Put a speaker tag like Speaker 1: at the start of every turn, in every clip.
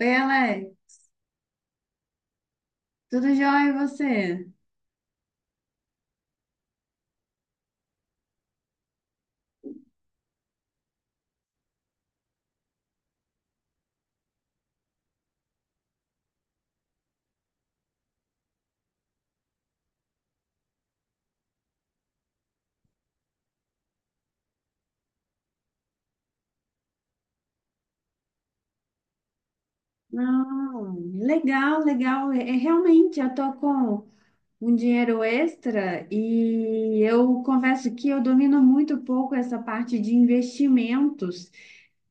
Speaker 1: Oi, Alex, tudo jóia e você? Não, legal, legal. Realmente, eu tô com um dinheiro extra e eu confesso que eu domino muito pouco essa parte de investimentos.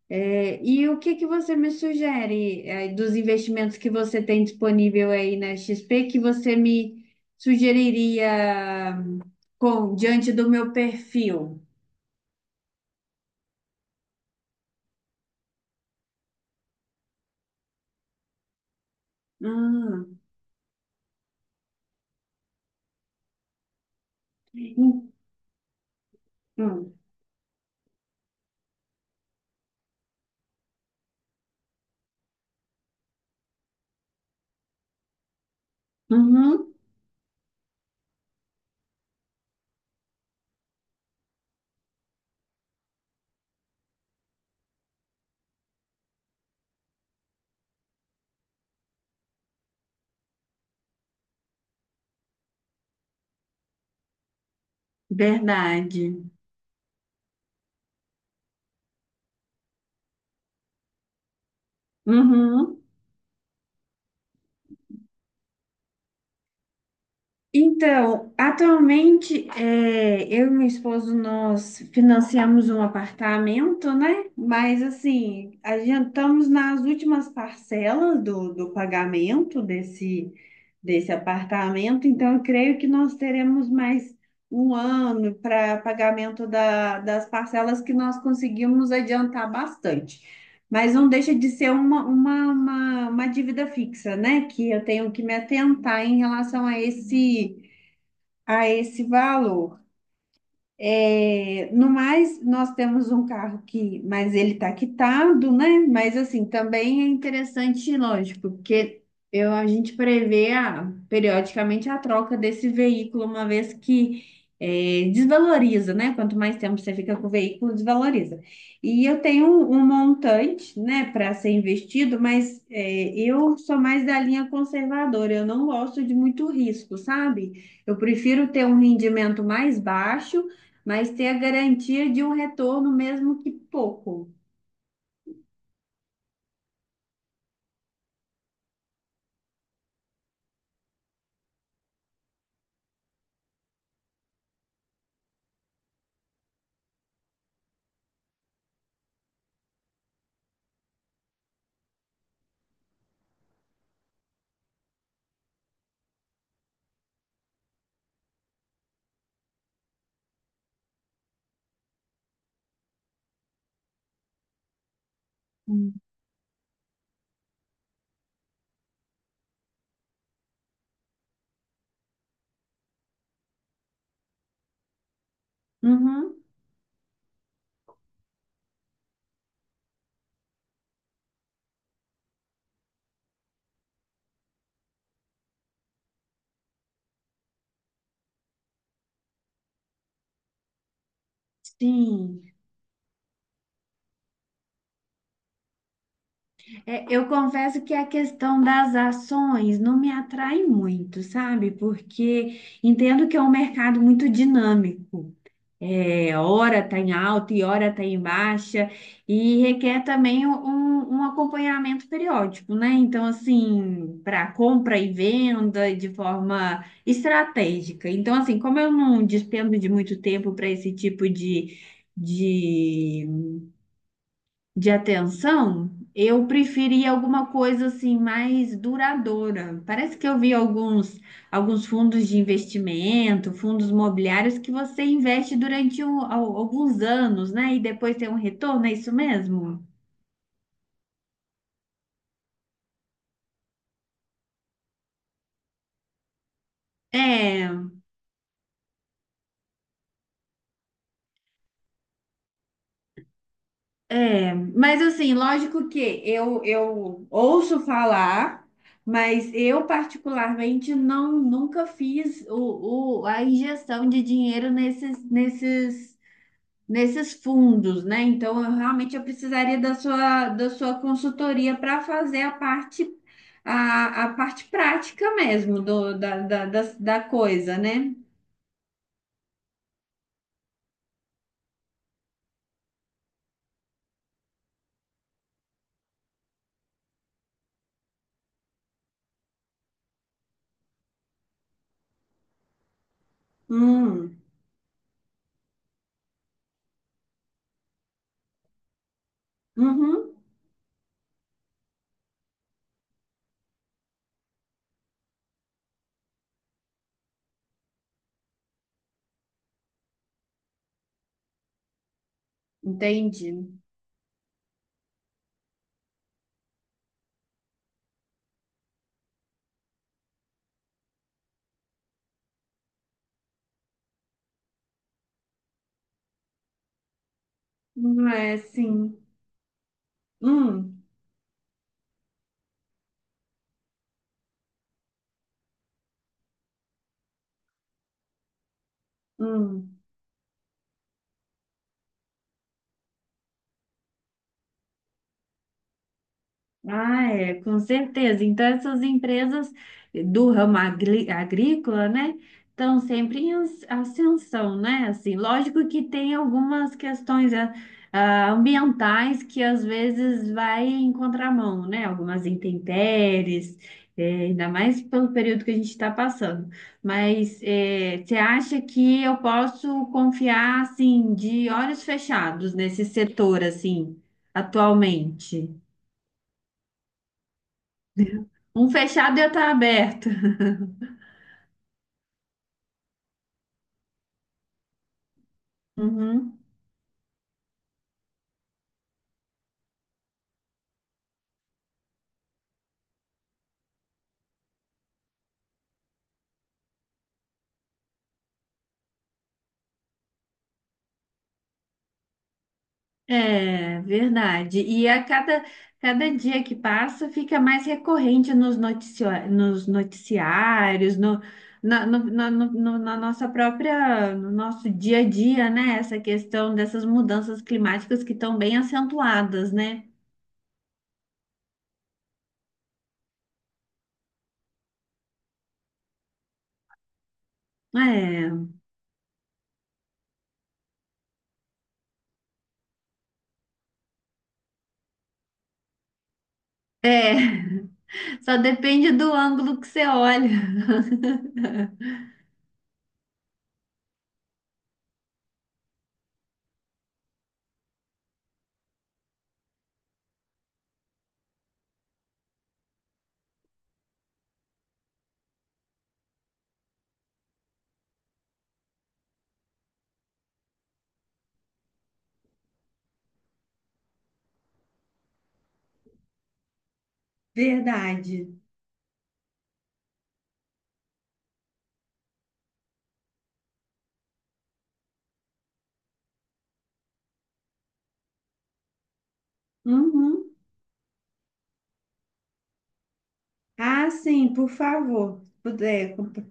Speaker 1: É, e o que que você me sugere, é, dos investimentos que você tem disponível aí na XP que você me sugeriria com diante do meu perfil? Hum. Hum. Hum. Uhum. Verdade. Uhum. Então, atualmente, é, eu e meu esposo, nós financiamos um apartamento, né? Mas, assim, adiantamos nas últimas parcelas do pagamento desse, desse apartamento. Então, eu creio que nós teremos mais um ano para pagamento da- das parcelas que nós conseguimos adiantar bastante. Mas não deixa de ser uma dívida fixa, né? Que eu tenho que me atentar em relação a esse valor. É, no mais, nós temos um carro que, mas ele está quitado, né? Mas assim, também é interessante, lógico, porque eu, a gente prevê a- periodicamente a troca desse veículo, uma vez que é, desvaloriza, né? Quanto mais tempo você fica com o veículo, desvaloriza. E eu tenho um montante, né, para ser investido, mas é, eu sou mais da linha conservadora, eu não gosto de muito risco, sabe? Eu prefiro ter um rendimento mais baixo, mas ter a garantia de um retorno mesmo que pouco. Hum. Uhum. Sim. É, eu confesso que a questão das ações não me atrai muito, sabe? Porque entendo que é um mercado muito dinâmico. É, hora está em alta e hora está em baixa, e requer também um acompanhamento periódico, né? Então, assim, para compra e venda de forma estratégica. Então, assim, como eu não despendo de muito tempo para esse tipo de de atenção, eu preferia alguma coisa assim mais duradoura. Parece que eu vi alguns, alguns fundos de investimento, fundos imobiliários que você investe durante um- al- alguns anos, né? E depois tem um retorno, é isso mesmo? É, é. Mas assim, lógico que eu ouço falar, mas eu particularmente não nunca fiz o- a injeção de dinheiro nesses, nesses fundos, né? Então, eu realmente eu precisaria da sua consultoria para fazer a parte, a parte prática mesmo do, da, da, da, da coisa, né? Hum. Uhum. Entendi. Não é assim. Hum. Hum. Ah, é, com certeza. Então, essas empresas do ramo agri- agrícola, né, estão sempre em as- ascensão, né? Assim, lógico que tem algumas questões ambientais que às vezes vai em contramão, né? Algumas intempéries, ainda mais pelo período que a gente está passando. Mas você acha que eu posso confiar, assim, de olhos fechados nesse setor, assim, atualmente? Um fechado e outro aberto. Uhum. É verdade. E a cada, cada dia que passa fica mais recorrente nos, noticio- nos noticiários, no, na, no- na- no- no- na nossa própria, no nosso dia a dia, né? Essa questão dessas mudanças climáticas que estão bem acentuadas, né? É, é, só depende do ângulo que você olha. Verdade. Uhum. Ah, sim, por favor. Se puder, compa-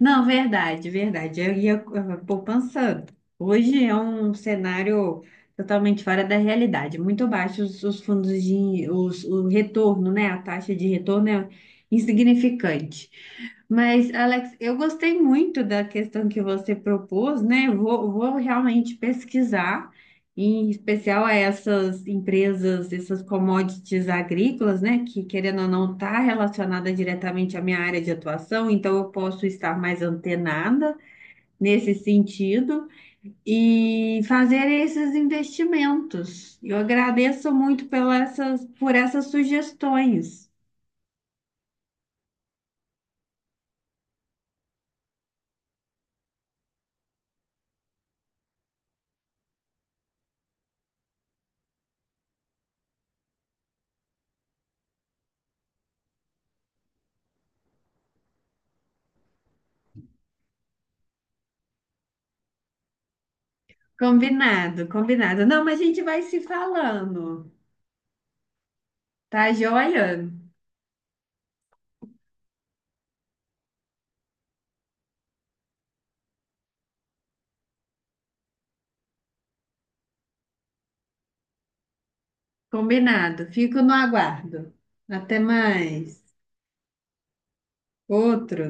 Speaker 1: Não, verdade, verdade. Eu ia poupança. Hoje é um cenário totalmente fora da realidade. Muito baixos os fundos de os, o retorno, né? A taxa de retorno é insignificante. Mas, Alex, eu gostei muito da questão que você propôs, né? Vou realmente pesquisar em especial a essas empresas, essas commodities agrícolas, né, que querendo ou não está relacionada diretamente à minha área de atuação, então eu posso estar mais antenada nesse sentido e fazer esses investimentos. Eu agradeço muito pela essas, por essas sugestões. Combinado, combinado. Não, mas a gente vai se falando, tá joia? Combinado. Fico no aguardo. Até mais. Outro.